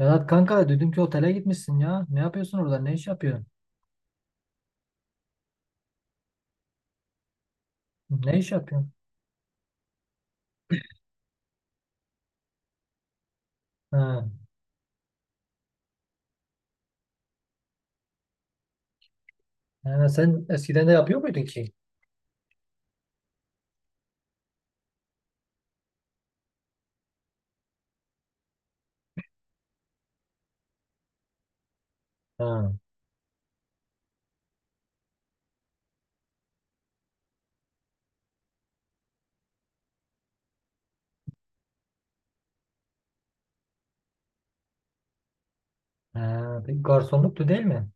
Vedat kanka dünkü otele gitmişsin ya. Ne yapıyorsun orada? Ne iş yapıyorsun? Ne iş yapıyorsun? Ha. Yani sen eskiden de yapıyor muydun ki? Ha. Ha. Peki garsonluktu değil mi?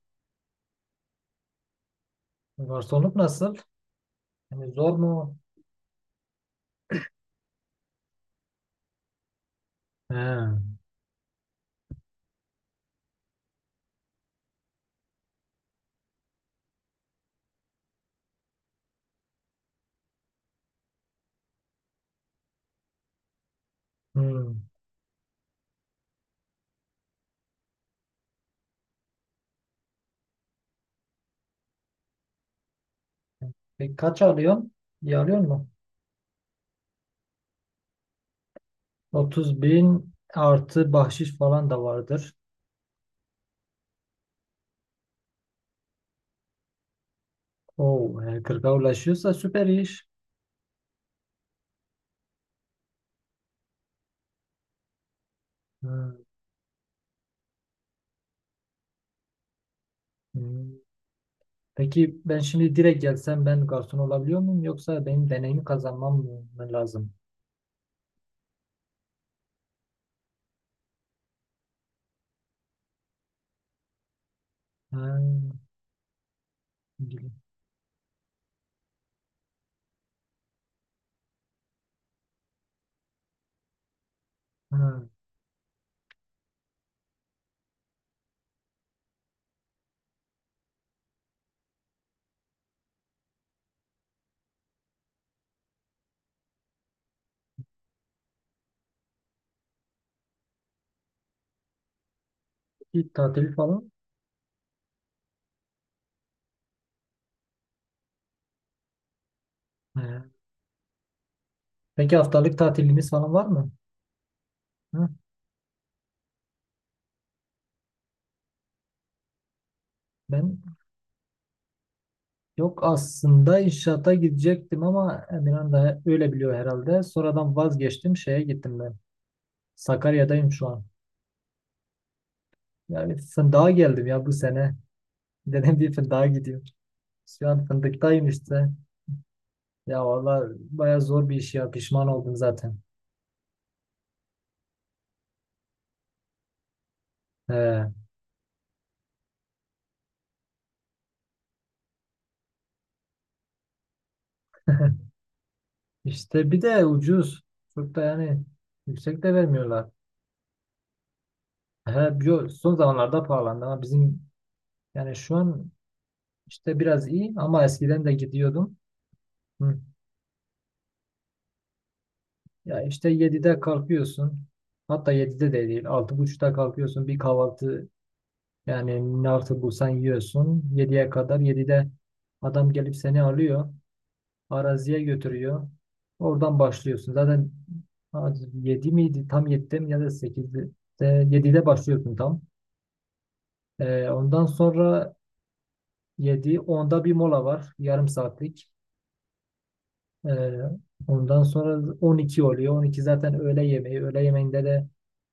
Garsonluk nasıl? Yani zor mu? Ha. Hmm. Peki kaç alıyorsun? İyi alıyor mu? 30.000 artı bahşiş falan da vardır. Oo, yani 40'a ulaşıyorsa süper iş. Ha. Hmm. Peki ben şimdi direkt gelsem ben garson olabiliyor muyum, yoksa benim deneyimi kazanmam mı lazım? Ha, ilgili. Ha, peki tatil falan. Ha. Peki haftalık tatiliniz falan var mı? Hı? Ben yok, aslında inşaata gidecektim ama Emirhan da öyle biliyor herhalde. Sonradan vazgeçtim, şeye gittim ben. Sakarya'dayım şu an. Yani fındığa geldim ya bu sene. Dedim bir fındığa gideyim. Şu an fındıktayım işte. Ya valla baya zor bir iş ya, pişman oldum zaten. He. İşte bir de ucuz. Çok da yani yüksek de vermiyorlar. He, son zamanlarda pahalandı ama bizim yani şu an işte biraz iyi ama eskiden de gidiyordum. Hı. Ya işte 7'de kalkıyorsun. Hatta 7'de de değil. Altı buçukta kalkıyorsun. Bir kahvaltı yani ne artık bulsan yiyorsun. Yediye kadar 7'de adam gelip seni alıyor. Araziye götürüyor. Oradan başlıyorsun. Zaten 7 miydi? Tam 7'de mi ya da 8'de? 7'de başlıyorsun tam. Ondan sonra 7 onda bir mola var. Yarım saatlik. Ee, ondan sonra 12 oluyor. 12 zaten öğle yemeği. Öğle yemeğinde de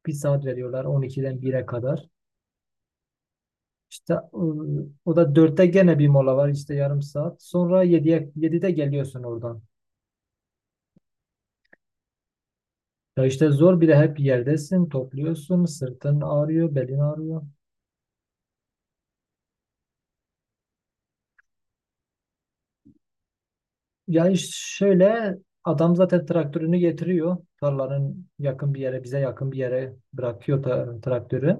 bir saat veriyorlar 12'den 1'e kadar. İşte o da 4'te gene bir mola var işte yarım saat. Sonra 7'ye 7'de geliyorsun oradan. Ya işte zor, bir de hep yerdesin, topluyorsun, sırtın ağrıyor, belin ağrıyor. Ya iş şöyle, adam zaten traktörünü getiriyor. Tarlanın yakın bir yere, bize yakın bir yere bırakıyor traktörü.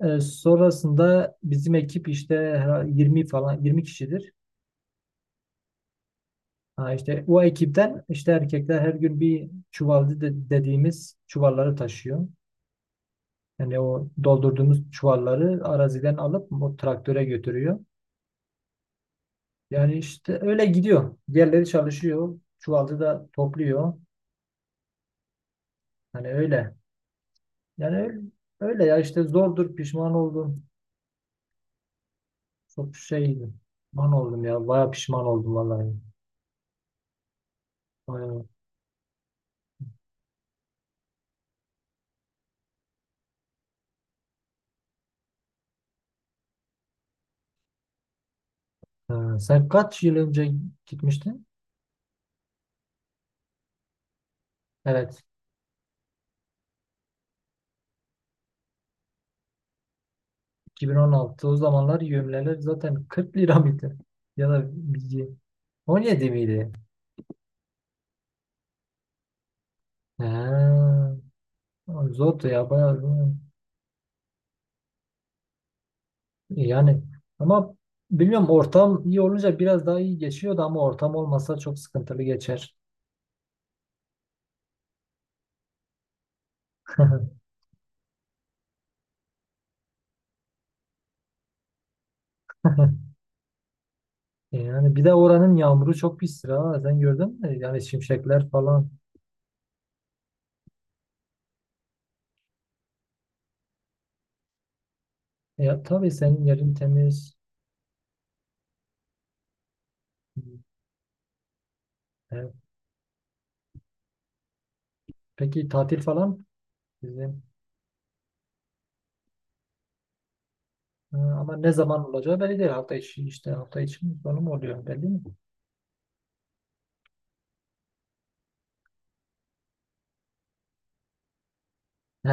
Sonrasında bizim ekip işte 20 falan 20 kişidir. Ha işte o ekipten işte erkekler her gün bir çuval dediğimiz çuvalları taşıyor. Yani o doldurduğumuz çuvalları araziden alıp o traktöre götürüyor. Yani işte öyle gidiyor. Diğerleri çalışıyor. Çuvalcı da topluyor. Hani öyle. Yani öyle, öyle ya işte zordur, pişman oldum. Çok şeydi. Pişman oldum ya. Baya pişman oldum vallahi. Baya. Ha, sen kaç yıl önce gitmiştin? Evet. 2016. O zamanlar yemleler zaten 40 lira mıydı? Ya da 17 miydi? Ha, zordu ya bayağı. Zor. E, yani ama bilmiyorum, ortam iyi olunca biraz daha iyi geçiyordu ama ortam olmasa çok sıkıntılı geçer. Yani bir de oranın yağmuru çok pis ha. Sen gördün mü? Yani şimşekler falan. Ya tabii senin yerin temiz. E, peki tatil falan? Ha, ama ne zaman olacağı belli değil. Hafta içi işte hafta içi mi sonu mu oluyor belli mi? He.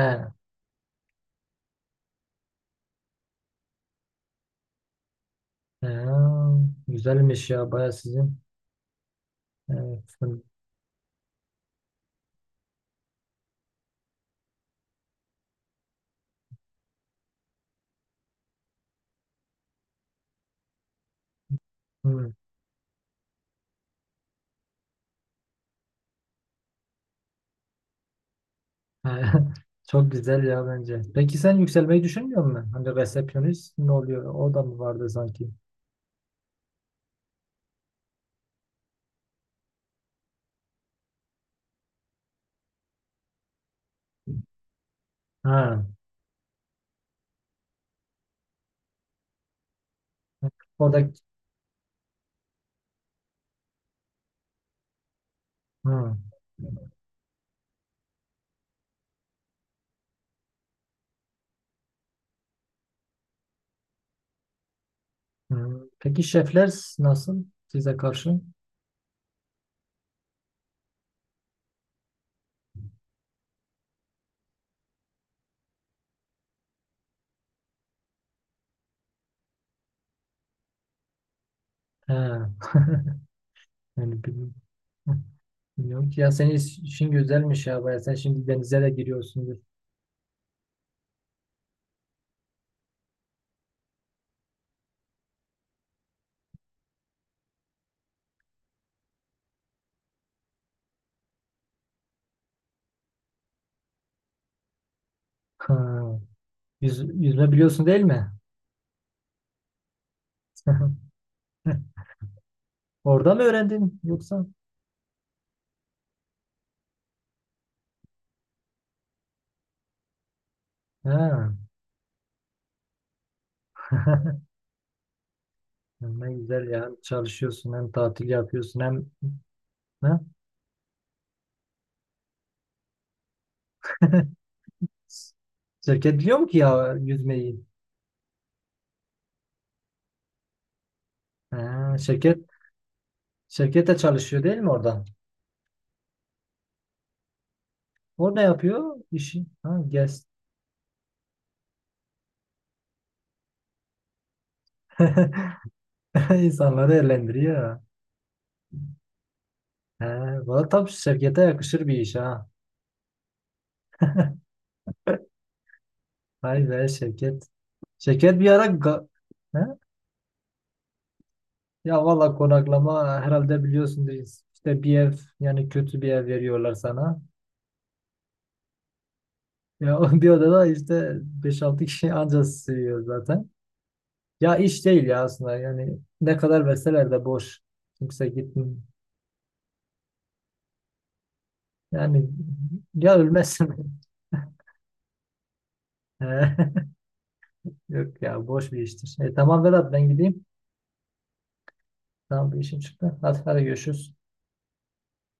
He, güzelmiş ya baya sizin. Evet. Hı, hı. He, çok güzel ya bence. Peki sen yükselmeyi düşünmüyor musun? Hani resepsiyonist ne oluyor? O da mı vardı sanki? Ha. Orada hı, hı. Peki şefler nasıl size karşı? He. Yani bilmiyorum. Bilmiyorum ki ya, senin işin güzelmiş ya baya. Sen şimdi denize de giriyorsundur. Ha. Yüz, yüzme biliyorsun değil mi? Orada mı öğrendin yoksa? Ha. Ne güzel ya. Çalışıyorsun hem tatil yapıyorsun hem ha? Şirket biliyor mu ki ya yüzmeyi? Ha, şirket şirkette çalışıyor değil mi orada? O ne yapıyor? İşi. Ha, gez. İnsanları eğlendiriyor. He, valla tam şirkete yakışır bir iş ha. Vay be şirket. Şirket bir ara he? Ya valla konaklama herhalde biliyorsunuz işte bir ev, yani kötü bir ev veriyorlar sana. Ya o bir odada işte beş altı kişi ancak sığıyor zaten. Ya iş değil ya aslında, yani ne kadar verseler de boş. Kimse gitmiyor. Yani ya ölmezsin. He. Yok ya boş bir iştir. E, tamam Vedat ben gideyim. Tamam bir işim çıktı. Hadi hadi görüşürüz.